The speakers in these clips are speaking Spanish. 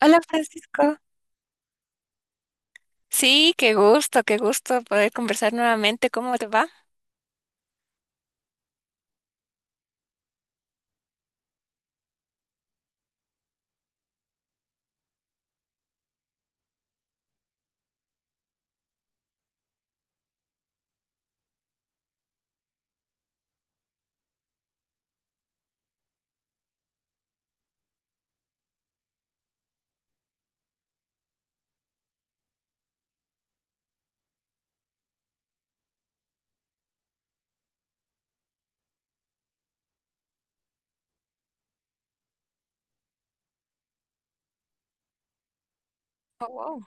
Hola, Francisco. Sí, qué gusto poder conversar nuevamente. ¿Cómo te va? Oh, wow.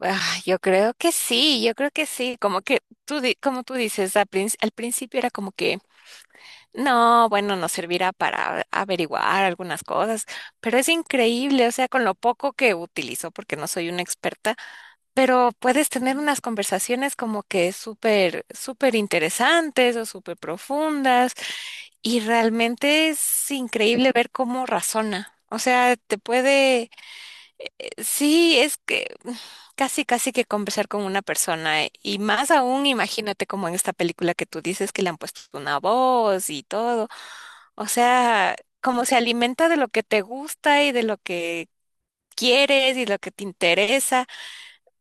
Ah, yo creo que sí, yo creo que sí. Como que tú, como tú dices, al, al principio era como que, no, bueno, nos servirá para averiguar algunas cosas, pero es increíble, o sea, con lo poco que utilizo, porque no soy una experta, pero puedes tener unas conversaciones como que súper, súper interesantes o súper profundas. Y realmente es increíble ver cómo razona. O sea, te puede, sí, es que casi, casi que conversar con una persona. Y más aún, imagínate como en esta película que tú dices que le han puesto una voz y todo. O sea, como se alimenta de lo que te gusta y de lo que quieres y lo que te interesa.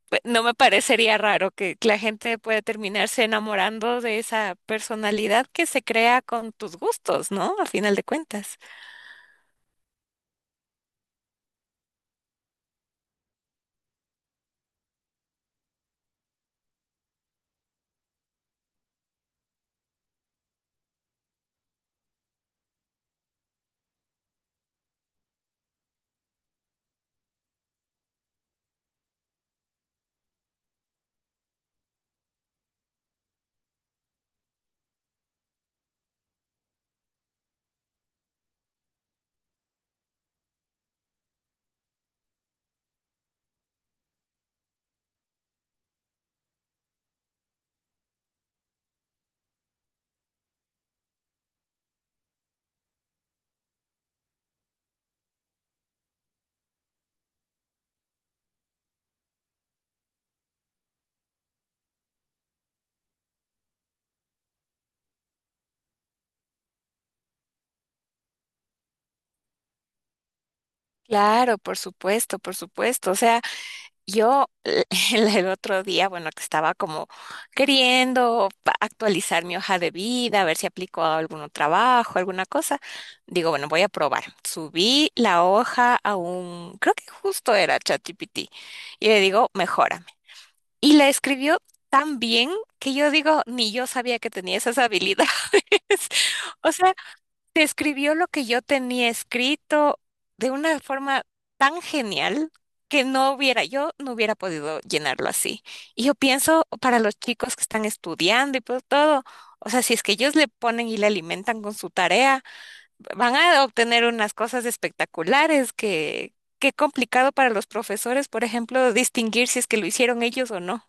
Pues no me parecería raro que la gente pueda terminarse enamorando de esa personalidad que se crea con tus gustos, ¿no? A final de cuentas. Claro, por supuesto, por supuesto. O sea, yo el otro día, bueno, que estaba como queriendo actualizar mi hoja de vida, a ver si aplico a algún trabajo, alguna cosa. Digo, bueno, voy a probar. Subí la hoja a un, creo que justo era ChatGPT, y le digo, mejórame. Y la escribió tan bien que yo digo, ni yo sabía que tenía esas habilidades. O sea, te escribió lo que yo tenía escrito de una forma tan genial que no hubiera, yo no hubiera podido llenarlo así. Y yo pienso para los chicos que están estudiando y pues todo, o sea, si es que ellos le ponen y le alimentan con su tarea, van a obtener unas cosas espectaculares que, qué complicado para los profesores, por ejemplo, distinguir si es que lo hicieron ellos o no.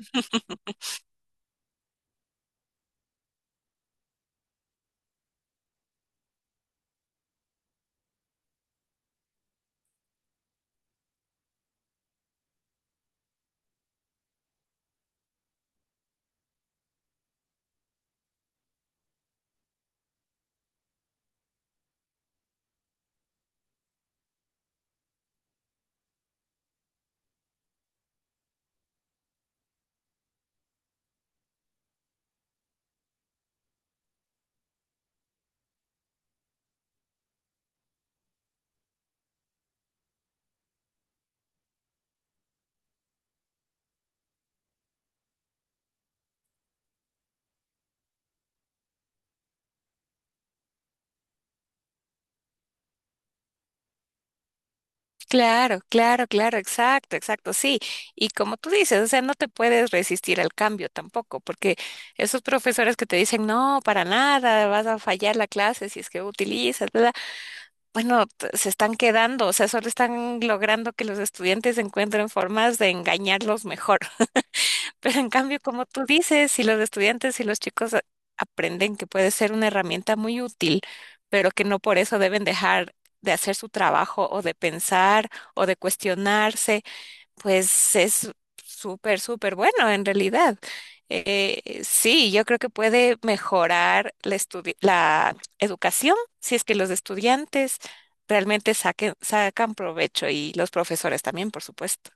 Claro, claro, claro, exacto, exacto, sí. Y como tú dices, o sea, no te puedes resistir al cambio tampoco, porque esos profesores que te dicen, no, para nada, vas a fallar la clase si es que utilizas, bla, bla", bueno, se están quedando, o sea, solo están logrando que los estudiantes encuentren formas de engañarlos mejor. Pero en cambio, como tú dices, si los estudiantes y los chicos aprenden que puede ser una herramienta muy útil, pero que no por eso deben dejar de hacer su trabajo o de pensar o de cuestionarse, pues es súper, súper bueno en realidad. Sí, yo creo que puede mejorar la, la educación si es que los estudiantes realmente sacan provecho y los profesores también, por supuesto.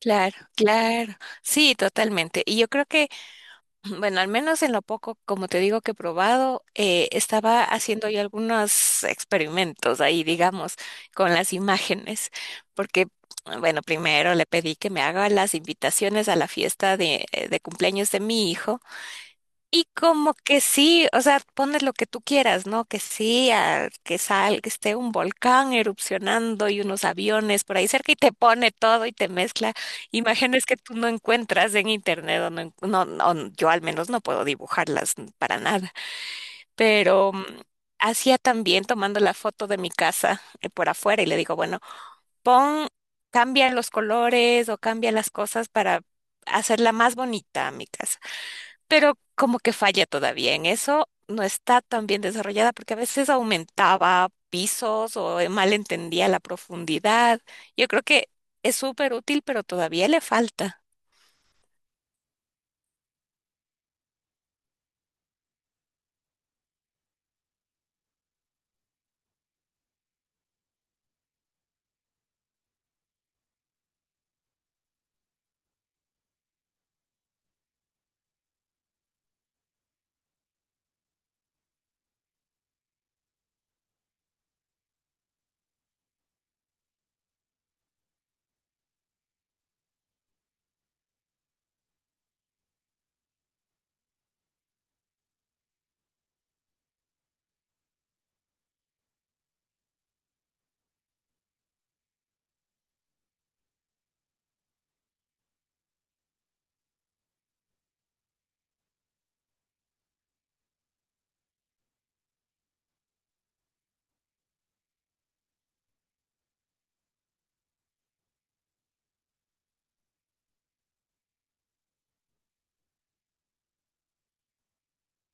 Claro, claro, sí, totalmente. Y yo creo que, bueno, al menos en lo poco, como te digo, que he probado, estaba haciendo yo algunos experimentos ahí, digamos, con las imágenes, porque, bueno, primero le pedí que me haga las invitaciones a la fiesta de cumpleaños de mi hijo. Y como que sí, o sea, pones lo que tú quieras, ¿no? Que sí, que sal, que esté un volcán erupcionando y unos aviones por ahí cerca y te pone todo y te mezcla imágenes que tú no encuentras en internet o no, no, no, yo al menos no puedo dibujarlas para nada. Pero hacía también tomando la foto de mi casa por afuera y le digo, bueno, pon, cambia los colores o cambia las cosas para hacerla más bonita a mi casa, pero como que falla todavía en eso, no está tan bien desarrollada porque a veces aumentaba pisos o mal entendía la profundidad. Yo creo que es súper útil, pero todavía le falta.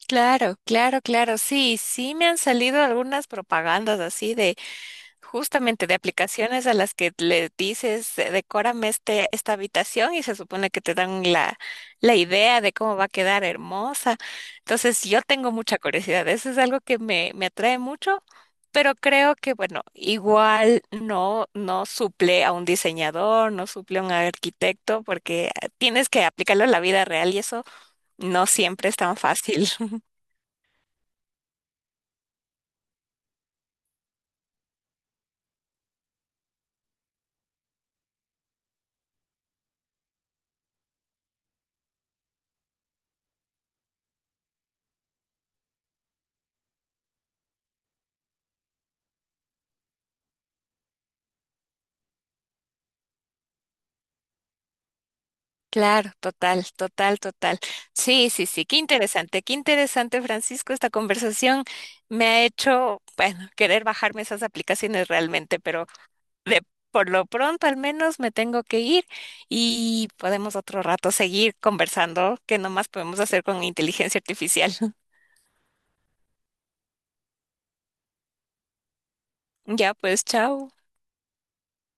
Claro, claro, claro, sí, sí me han salido algunas propagandas así de justamente de aplicaciones a las que le dices, decórame este, esta habitación y se supone que te dan la, la idea de cómo va a quedar hermosa. Entonces yo tengo mucha curiosidad, eso es algo que me atrae mucho, pero creo que bueno, igual no, no suple a un diseñador, no suple a un arquitecto, porque tienes que aplicarlo a la vida real y eso no siempre es tan fácil. Claro, total, total, total. Sí, sí, sí, qué interesante, Francisco. Esta conversación me ha hecho, bueno, querer bajarme esas aplicaciones realmente, pero de por lo pronto al menos me tengo que ir y podemos otro rato seguir conversando, que nomás podemos hacer con inteligencia artificial. Ya, pues, chao.